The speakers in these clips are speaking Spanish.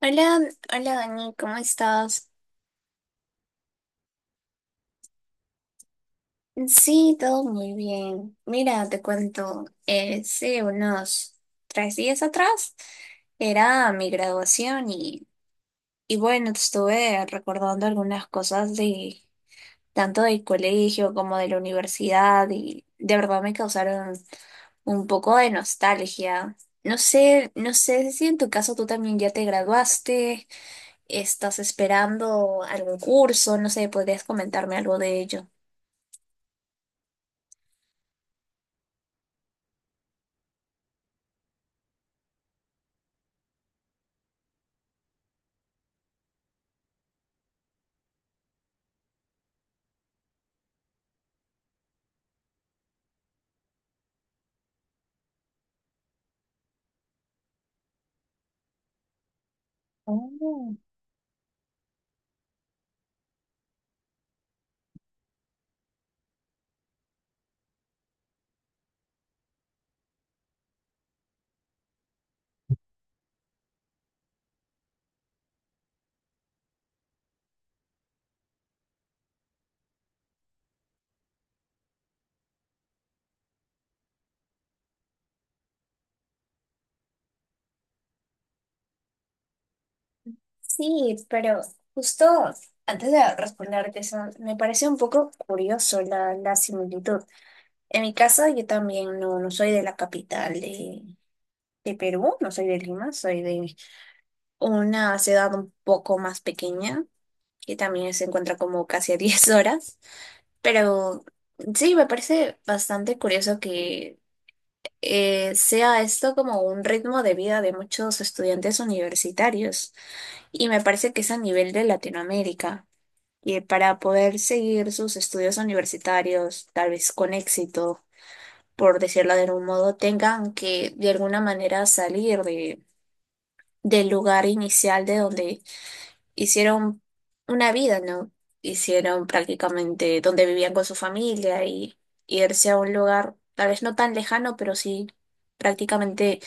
Hola, hola Dani, ¿cómo estás? Sí, todo muy bien. Mira, te cuento, sí, unos tres días atrás era mi graduación y bueno, estuve recordando algunas cosas de tanto del colegio como de la universidad y de verdad me causaron un poco de nostalgia. No sé, si en tu caso tú también ya te graduaste. ¿Estás esperando algún curso? No sé, ¿podrías comentarme algo de ello? Oh, sí, pero justo antes de responderte eso, me parece un poco curioso la similitud. En mi caso, yo también no soy de la capital de Perú, no soy de Lima, soy de una ciudad un poco más pequeña, que también se encuentra como casi a 10 horas. Pero sí, me parece bastante curioso que sea esto como un ritmo de vida de muchos estudiantes universitarios y me parece que es a nivel de Latinoamérica y para poder seguir sus estudios universitarios, tal vez con éxito, por decirlo de algún modo, tengan que de alguna manera salir del lugar inicial de donde hicieron una vida, ¿no? Hicieron prácticamente donde vivían con su familia y irse a un lugar tal vez no tan lejano, pero sí prácticamente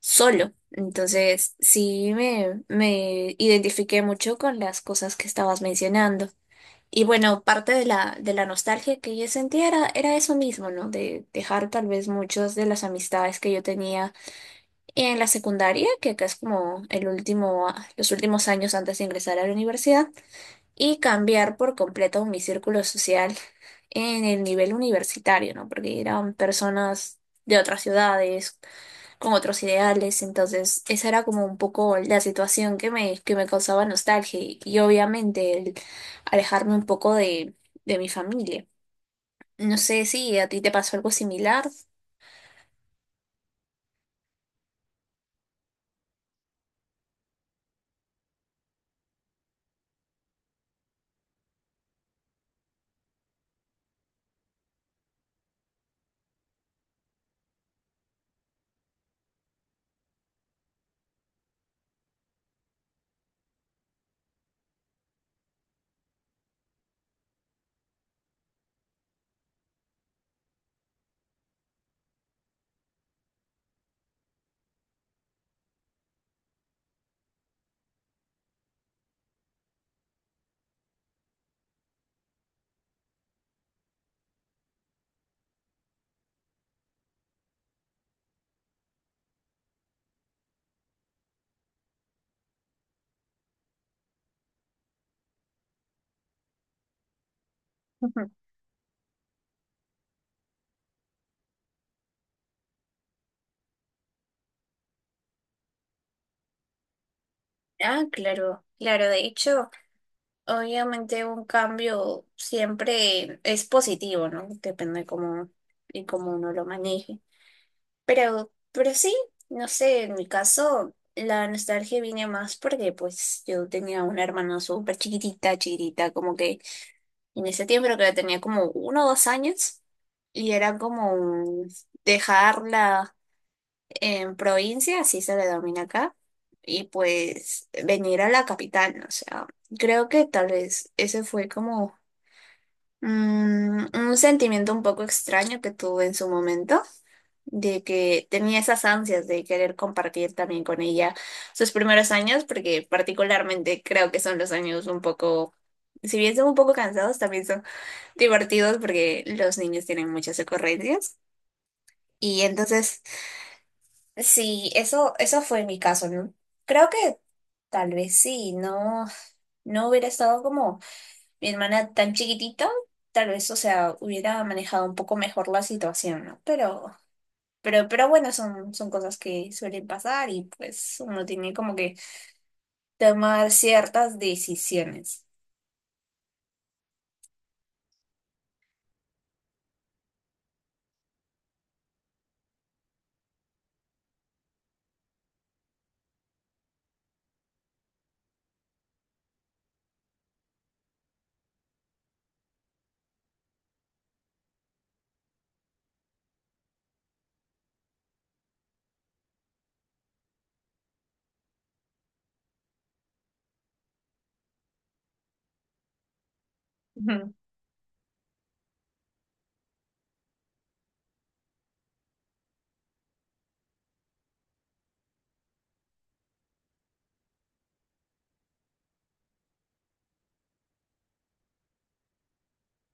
solo. Entonces, sí me identifiqué mucho con las cosas que estabas mencionando. Y bueno, parte de de la nostalgia que yo sentía era eso mismo, ¿no? De dejar tal vez muchas de las amistades que yo tenía en la secundaria, que acá es como el los últimos años antes de ingresar a la universidad, y cambiar por completo mi círculo social en el nivel universitario, ¿no? Porque eran personas de otras ciudades con otros ideales, entonces esa era como un poco la situación que que me causaba nostalgia y obviamente el alejarme un poco de mi familia. No sé si a ti te pasó algo similar. Ujú. Ah, claro, claro. De hecho, obviamente un cambio siempre es positivo, ¿no? Depende de y cómo uno lo maneje. Pero sí, no sé, en mi caso la nostalgia viene más porque pues yo tenía una hermana súper chiquitita, chiquitita, como que en ese tiempo creo que la tenía como uno o dos años y era como un dejarla en provincia, así se le denomina acá, y pues venir a la capital, ¿no? O sea, creo que tal vez ese fue como un sentimiento un poco extraño que tuve en su momento de que tenía esas ansias de querer compartir también con ella sus primeros años, porque particularmente creo que son los años un poco, si bien son un poco cansados, también son divertidos porque los niños tienen muchas ocurrencias. Y entonces, sí, eso fue mi caso, ¿no? Creo que tal vez sí, no, no hubiera estado como mi hermana tan chiquitita, tal vez, o sea, hubiera manejado un poco mejor la situación, ¿no? Pero Pero bueno, son cosas que suelen pasar y pues uno tiene como que tomar ciertas decisiones. Ujú.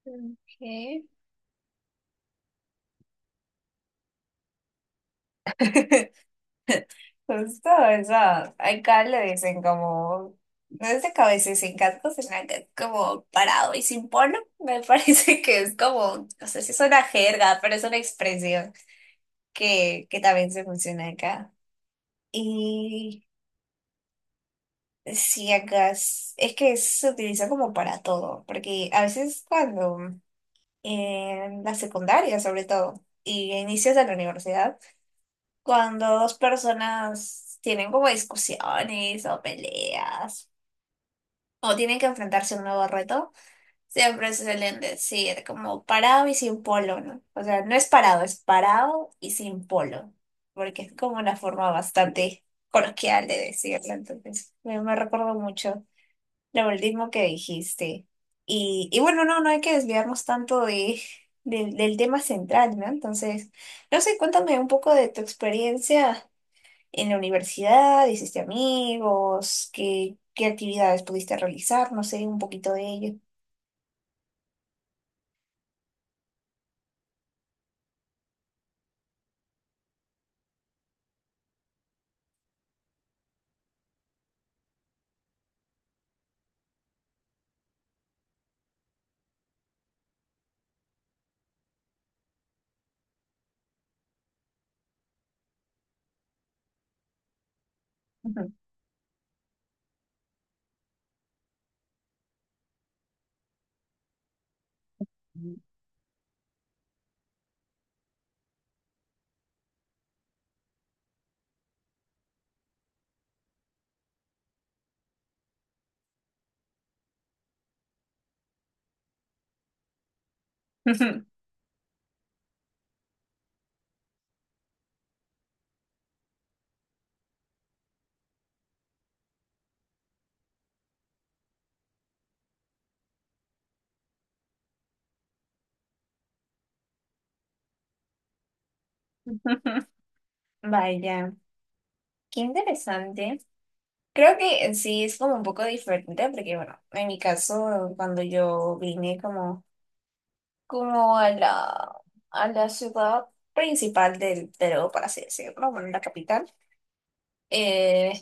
Ok. Justo eso. Acá le dicen como, no es de cabeza y sin casco, sino que es como parado y sin polo. Me parece que es como, no sé si es una jerga, pero es una expresión que también se funciona acá. Y sí, acá es que se utiliza como para todo, porque a veces cuando en la secundaria sobre todo y a inicios de la universidad, cuando dos personas tienen como discusiones o peleas o tienen que enfrentarse a un nuevo reto, siempre suelen decir como parado y sin polo, ¿no? O sea, no es parado, es parado y sin polo, porque es como una forma bastante coloquial de decirlo, entonces me recuerdo mucho. Lo último que dijiste. Y bueno, no, no hay que desviarnos tanto del tema central, ¿no? Entonces, no sé, cuéntame un poco de tu experiencia en la universidad, hiciste amigos, qué actividades pudiste realizar, no sé, un poquito de ello. Ujú. Vaya, qué interesante. Creo que en sí es como un poco diferente porque, bueno, en mi caso, cuando yo vine como a a la ciudad principal del Perú, por así decirlo, bueno, la capital. Eh,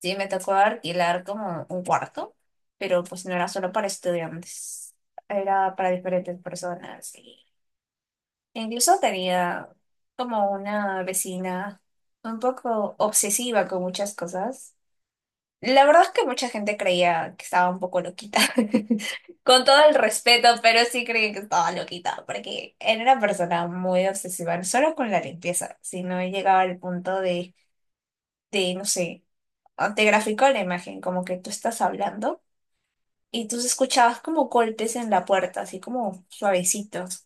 sí, me tocó alquilar como un cuarto, pero pues no era solo para estudiantes, era para diferentes personas. Y incluso tenía como una vecina un poco obsesiva con muchas cosas. La verdad es que mucha gente creía que estaba un poco loquita, con todo el respeto, pero sí creían que estaba loquita, porque era una persona muy obsesiva, no solo con la limpieza, sino llegaba al punto no sé, ah, te graficó la imagen, como que tú estás hablando y tú escuchabas como golpes en la puerta, así como suavecitos,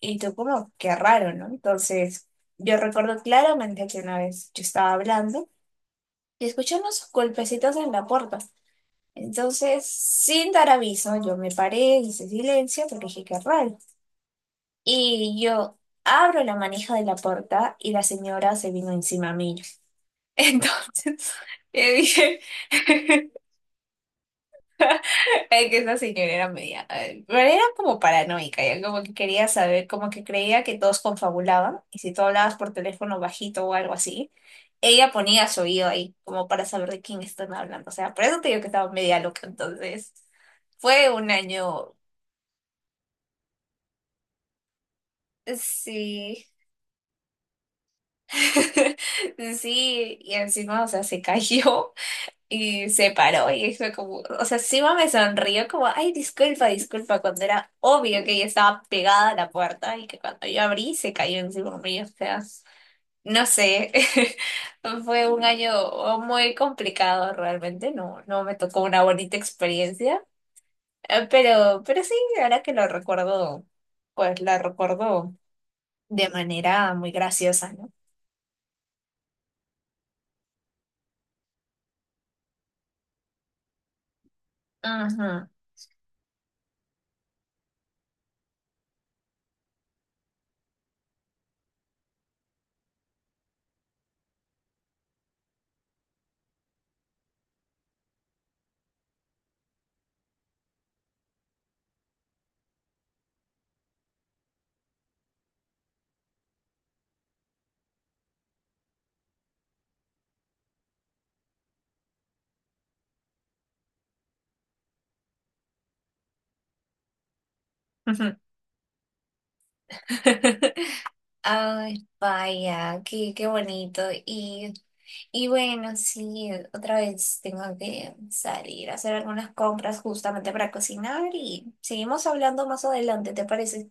y tú como, qué raro, ¿no? Entonces, yo recuerdo claramente que una vez yo estaba hablando y escuchamos golpecitos en la puerta. Entonces, sin dar aviso, yo me paré, hice silencio, porque dije, qué raro. Y yo abro la manija de la puerta y la señora se vino encima mío. Entonces, le dije es que esa señora era media, pero era como paranoica, ya como que quería saber, como que creía que todos confabulaban y si tú hablabas por teléfono bajito o algo así, ella ponía su oído ahí como para saber de quién están hablando. O sea, por eso te digo que estaba media loca, entonces fue un año. Sí, sí, y encima, o sea, se cayó y se paró y fue como, o sea, encima me sonrió como, ay, disculpa, disculpa, cuando era obvio que ella estaba pegada a la puerta y que cuando yo abrí se cayó encima mío, o sea, no sé, fue un año muy complicado realmente, no, no me tocó una bonita experiencia, pero sí, ahora que lo recuerdo, pues la recuerdo de manera muy graciosa, ¿no? Ujú. Ujú. Ay, vaya, qué bonito. Y bueno, sí, otra vez tengo que salir a hacer algunas compras justamente para cocinar y seguimos hablando más adelante, ¿te parece?